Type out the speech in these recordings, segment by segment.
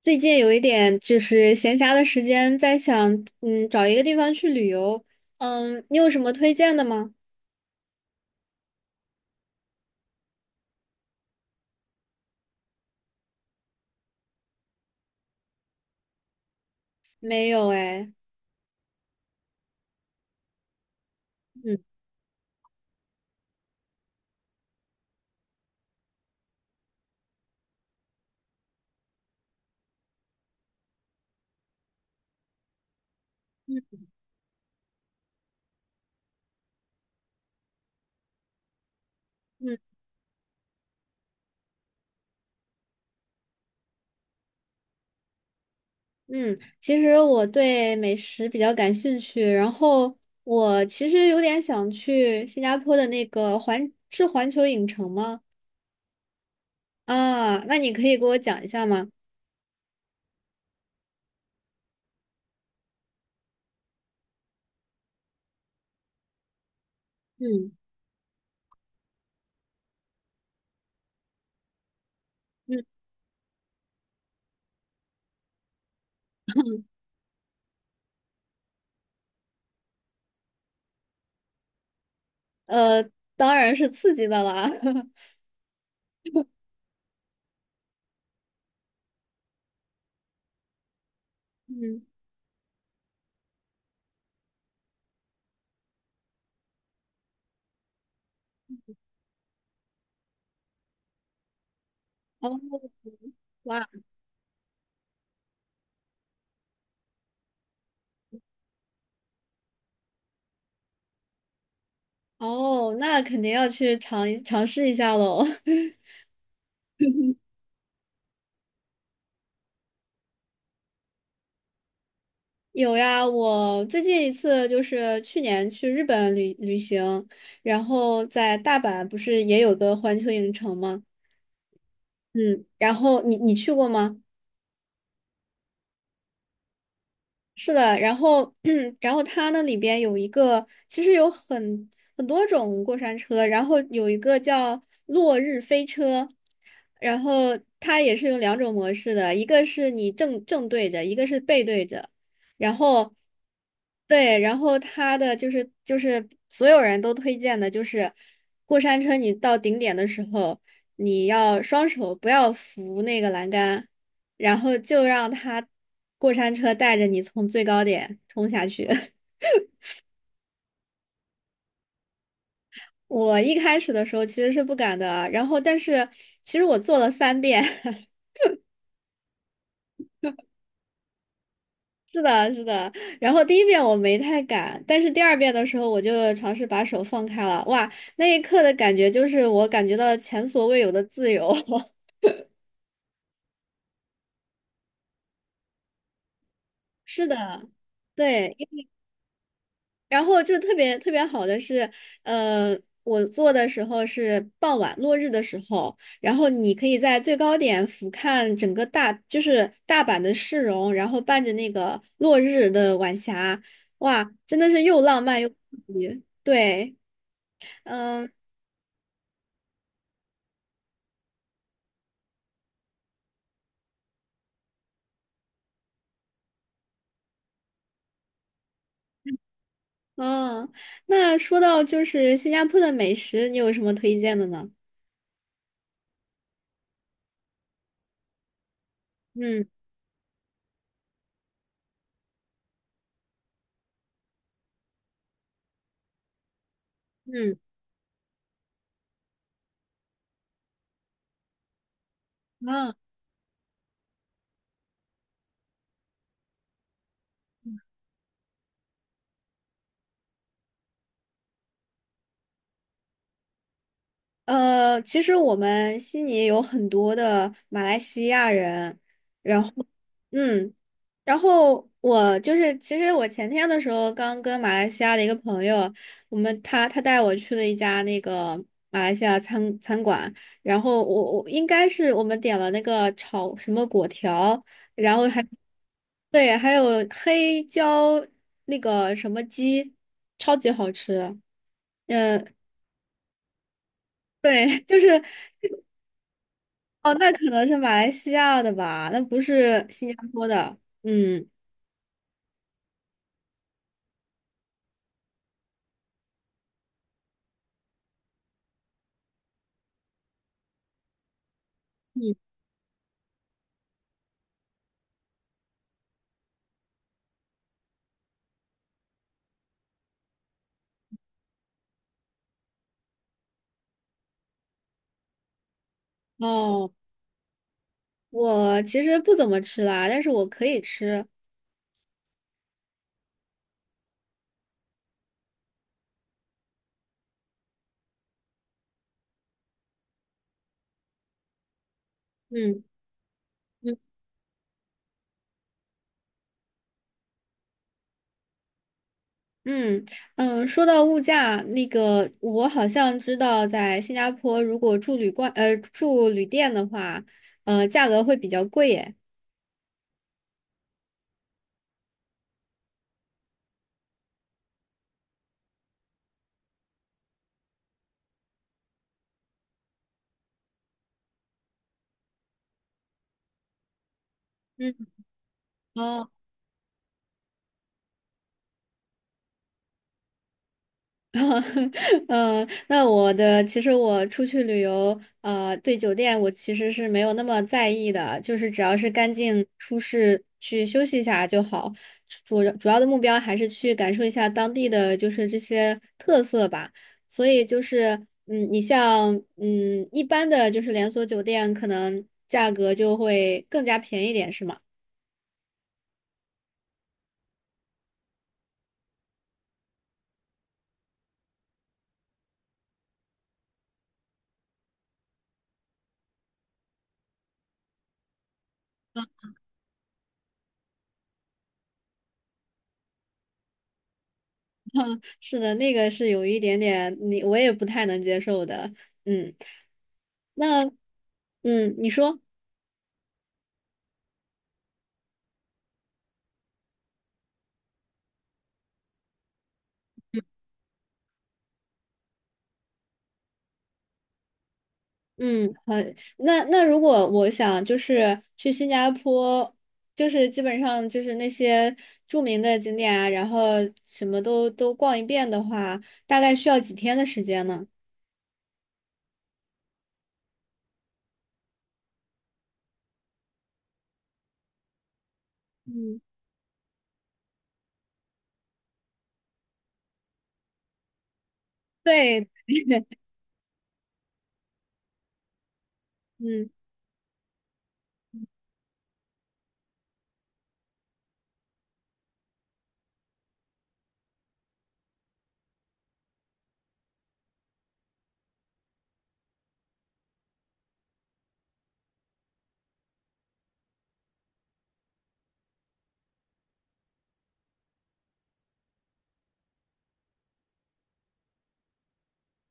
最近有一点就是闲暇的时间，在想，找一个地方去旅游。嗯，你有什么推荐的吗？没有哎。嗯嗯嗯嗯，其实我对美食比较感兴趣，然后我其实有点想去新加坡的环球影城吗？啊，那你可以给我讲一下吗？嗯嗯，呃，当然是刺激的啦。嗯，哦，哇。哦，那肯定要去尝试一下喽。有呀，我最近一次就是去年去日本旅行，然后在大阪不是也有个环球影城吗？嗯，然后你去过吗？是的，然后，然后它那里边有一个，其实很多种过山车，然后有一个叫落日飞车，然后它也是有两种模式的，一个是你正对着，一个是背对着，然后，对，然后它的就是所有人都推荐的就是过山车，你到顶点的时候，你要双手不要扶那个栏杆。然后就让他过山车带着你从最高点冲下去。我一开始的时候其实是不敢的啊，然后但是其实我做了三遍。是的，是的。然后第一遍我没太敢，但是第二遍的时候我就尝试把手放开了，哇，那一刻的感觉就是我感觉到了前所未有的自由。是的，对，然后就特别特别好的是，呃，我做的时候是傍晚落日的时候，然后你可以在最高点俯瞰整个大，就是大阪的市容，然后伴着那个落日的晚霞，哇，真的是又浪漫又刺激。对，嗯嗯，那说到就是新加坡的美食，你有什么推荐的呢？嗯嗯。啊，其实我们悉尼有很多的马来西亚人，然后，嗯，然后我就是，其实我前天的时候刚跟马来西亚的一个朋友，我们他他带我去了一家那个马来西亚餐馆，然后我我应该是我们点了那个炒什么果条，然后还对，还有黑椒那个什么鸡，超级好吃，嗯、对，就是。哦，那可能是马来西亚的吧，那不是新加坡的。嗯，嗯，哦，我其实不怎么吃辣，但是我可以吃。嗯嗯嗯嗯，说到物价，那个我好像知道，在新加坡如果住旅店的话，价格会比较贵耶。嗯。哦。嗯，那其实我出去旅游，对酒店我其实是没有那么在意的，就是只要是干净舒适，去休息一下就好。主要的目标还是去感受一下当地的就是这些特色吧。所以就是，嗯，你像嗯一般的就是连锁酒店，可能价格就会更加便宜一点，是吗？是的，那个是有一点点，你我也不太能接受的。嗯，那嗯，你说，嗯，好，那那如果我想就是去新加坡，就是基本上就是那些著名的景点啊，然后什么都逛一遍的话，大概需要几天的时间呢？嗯，对，嗯，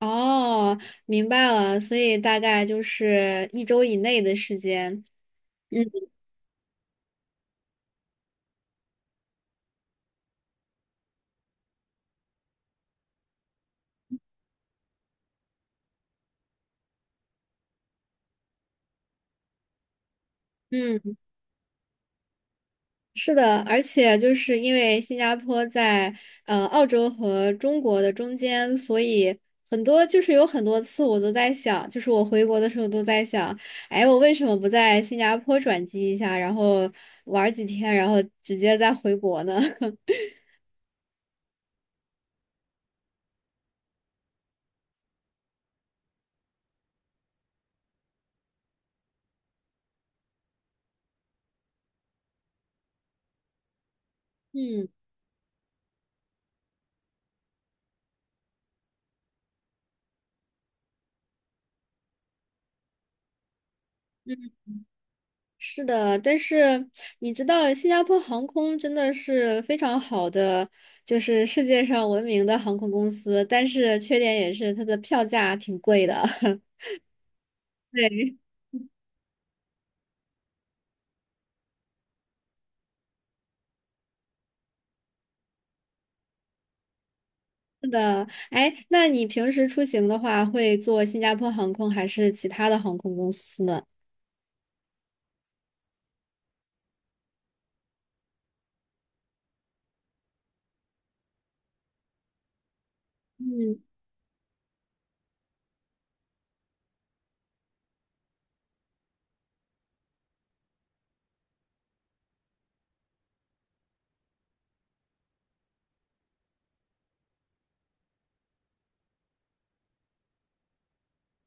哦，明白了，所以大概就是一周以内的时间。嗯嗯。是的，而且就是因为新加坡在澳洲和中国的中间，所以很多就是有很多次我都在想，就是我回国的时候都在想，哎，我为什么不在新加坡转机一下，然后玩儿几天，然后直接再回国呢？嗯嗯。是的，但是你知道，新加坡航空真的是非常好的，就是世界上闻名的航空公司，但是缺点也是它的票价挺贵的。对。是的，哎，那你平时出行的话，会坐新加坡航空还是其他的航空公司呢？嗯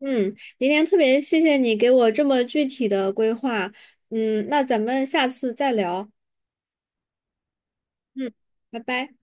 嗯，今天特别谢谢你给我这么具体的规划。嗯，那咱们下次再聊。嗯，拜拜。